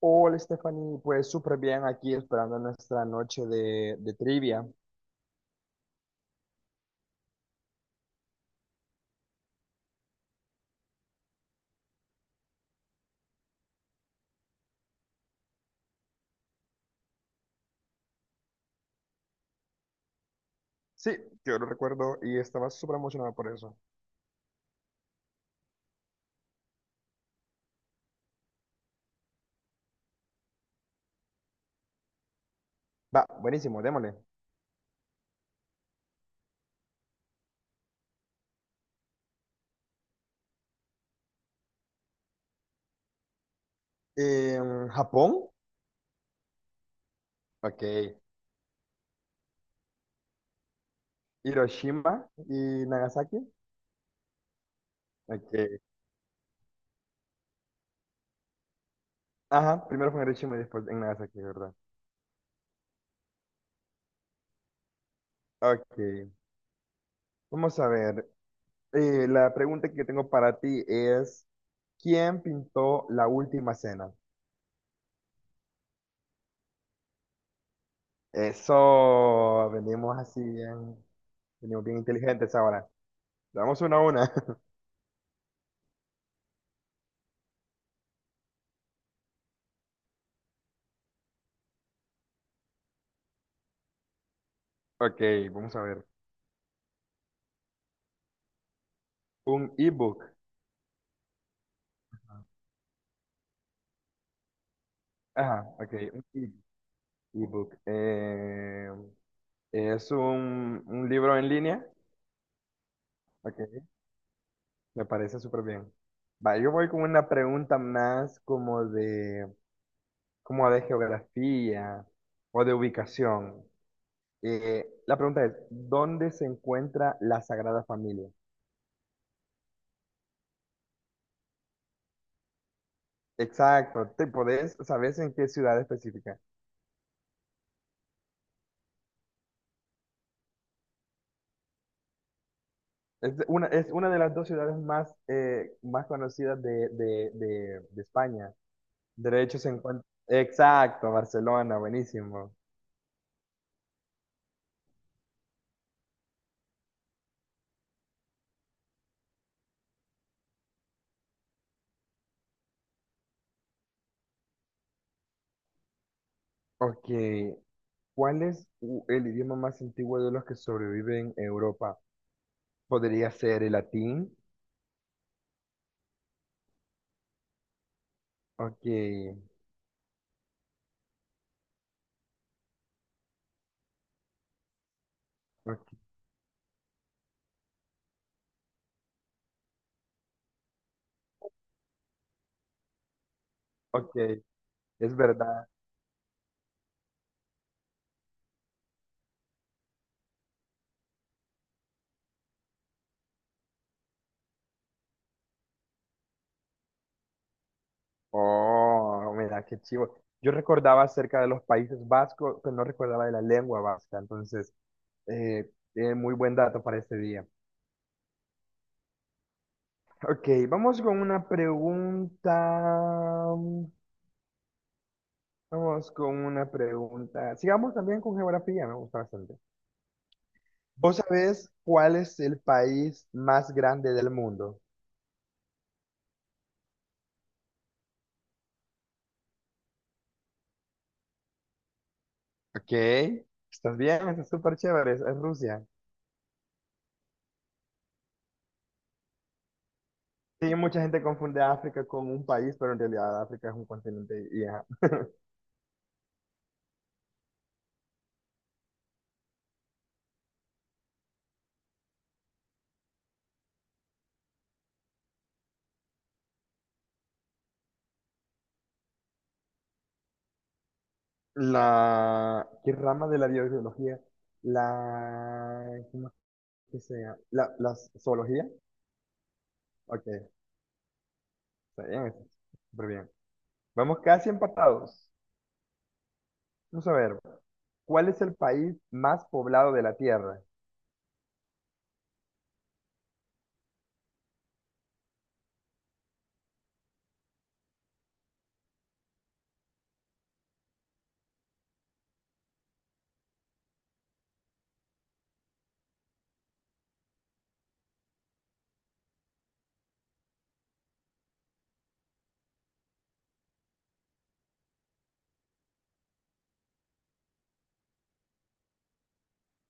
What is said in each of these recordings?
Hola Stephanie, pues súper bien aquí esperando nuestra noche de trivia. Sí, yo lo recuerdo y estaba súper emocionado por eso. Va, buenísimo, démosle. Japón, ok. Hiroshima y Nagasaki, ok. Ajá, primero fue en Hiroshima y después en Nagasaki, ¿verdad? Ok, vamos a ver. La pregunta que tengo para ti es: ¿quién pintó la última cena? Eso, venimos así bien, venimos bien inteligentes ahora. Damos una a una. Ok, vamos a ver. Un ebook. Ah, ok, un ebook. Es un libro en línea. Ok, me parece súper bien. Va, yo voy con una pregunta más como de geografía o de ubicación. La pregunta es: ¿dónde se encuentra la Sagrada Familia? Exacto, ¿sabes en qué ciudad específica? Es una de las dos ciudades más, más conocidas de España. De hecho, se encuentra. Exacto, Barcelona, buenísimo. Ok, ¿cuál es el idioma más antiguo de los que sobreviven en Europa? ¿Podría ser el latín? Ok, ok, ok, es verdad. Oh, mira, qué chivo. Yo recordaba acerca de los países vascos, pero no recordaba de la lengua vasca. Entonces, eh, muy buen dato para este día. Ok, vamos con una pregunta. Vamos con una pregunta. Sigamos también con geografía, me gusta bastante. ¿Vos sabés cuál es el país más grande del mundo? Ok, estás bien, está súper chévere, es Rusia. Sí, mucha gente confunde África con un país, pero en realidad África es un continente. Y, ajá. ¿Qué rama de la biología? La, ¿Cómo es que sea? La zoología. Ok, está bien, está súper bien. Vamos casi empatados. Vamos a ver, ¿cuál es el país más poblado de la Tierra?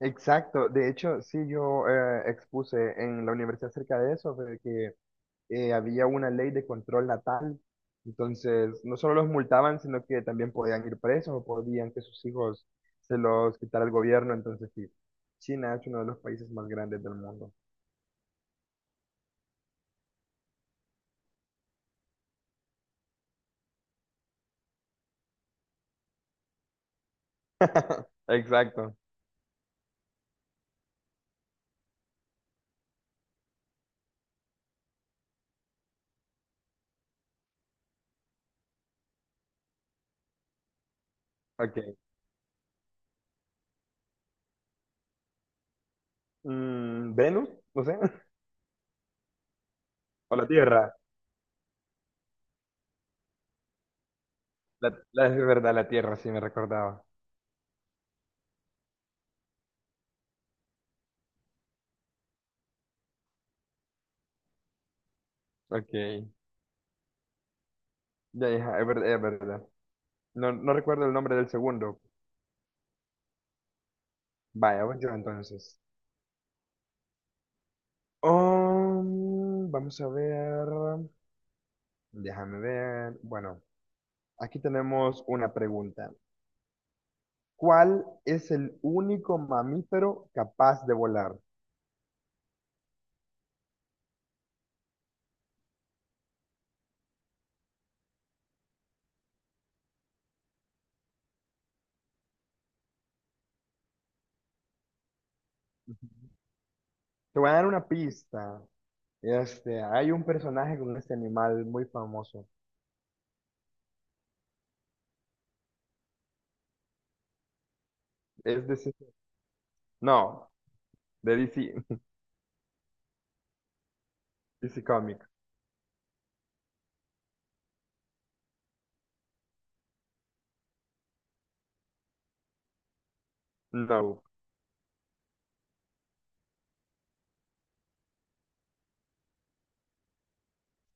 Exacto, de hecho, sí, yo expuse en la universidad acerca de eso, de que había una ley de control natal, entonces no solo los multaban, sino que también podían ir presos o podían que sus hijos se los quitara el gobierno, entonces sí, China es uno de los países más grandes del mundo. Exacto, ok. ¿Venus? No sé, o la Tierra. Es verdad, la Tierra, sí me recordaba. Ok. Ya, hija, es verdad, es verdad. No, no recuerdo el nombre del segundo. Vaya, voy yo entonces. Vamos a ver. Déjame ver. Bueno, aquí tenemos una pregunta. ¿Cuál es el único mamífero capaz de volar? Te voy a dar una pista. Hay un personaje con este animal muy famoso. Es de no, de DC. DC Comics. No.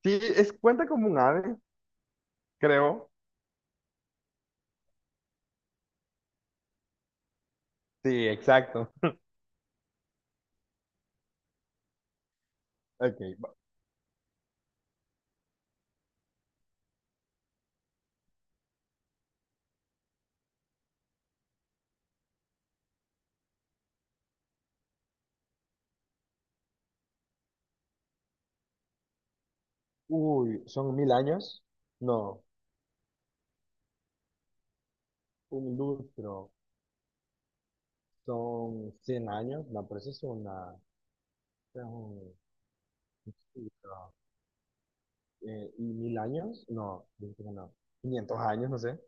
Sí, es, cuenta como un ave, creo. Sí, exacto. Ok. va- Uy, son 1000 años. No, un lustro. Son 100 años. No, pero eso es una. es un- no. ¿Y 1000 años? No, yo creo que no. 500 años, no sé.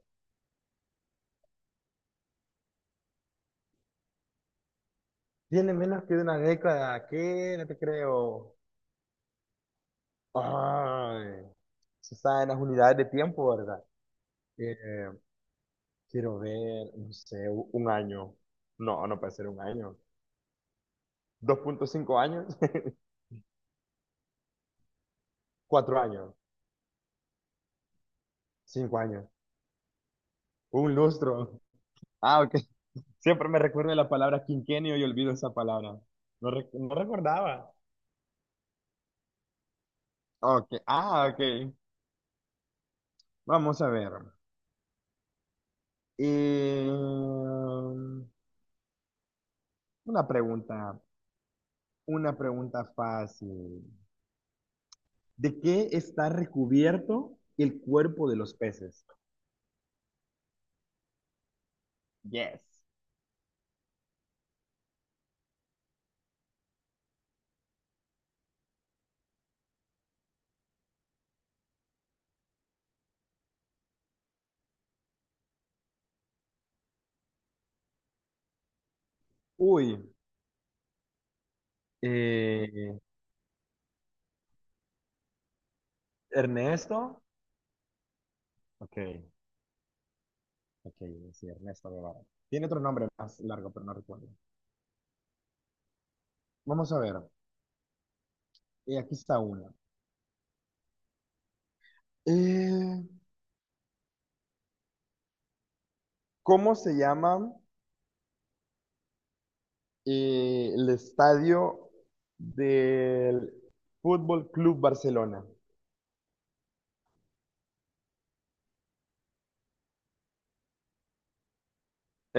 Tiene menos que una década. ¿Qué? No te creo. Ay, se está en las unidades de tiempo, ¿verdad? Eh, Quiero ver, no sé, un año. No, no puede ser un año. 2,5 años, 4 años, 5 años, un lustro. Ah, ok. Siempre me recuerdo de la palabra quinquenio y olvido esa palabra. No, no recordaba. Ok, ah, ok. Vamos a ver. Una pregunta, una pregunta fácil. ¿De qué está recubierto el cuerpo de los peces? Yes. Uy, eh, Ernesto. Ok. Ok, sí, Ernesto Guevara. Tiene otro nombre más largo, pero no recuerdo. Vamos a ver. Aquí está una. Eh, ¿Cómo se llama el estadio del Fútbol Club Barcelona?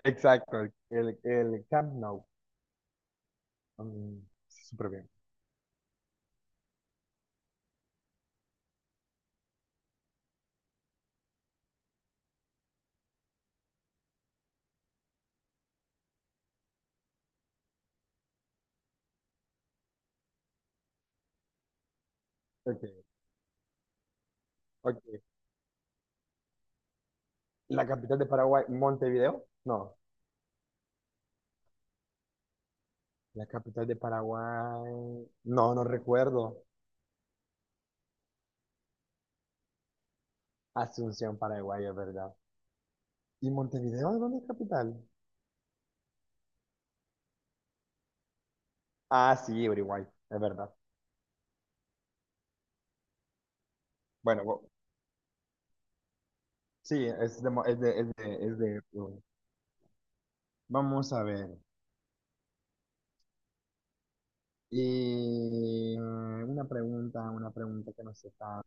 Exacto, el Camp Nou. Mm, Súper bien. Ok, ok. ¿La capital de Paraguay, Montevideo? No. La capital de Paraguay. No, no recuerdo. Asunción, Paraguay, es verdad. ¿Y Montevideo de dónde es capital? Ah, sí, Uruguay, es verdad. Bueno, sí, es de, Mo- es de, es de, es de Uruguay. Vamos a ver. Y una pregunta que no sea tan,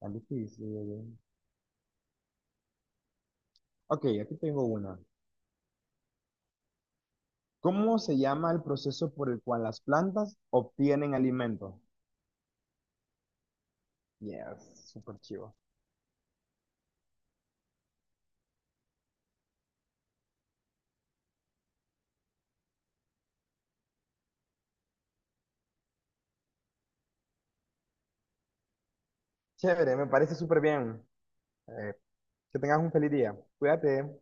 tan difícil. Ok, aquí tengo una. ¿Cómo se llama el proceso por el cual las plantas obtienen alimento? Yes, súper chivo. Chévere, me parece súper bien. Eh, que tengas un feliz día. Cuídate.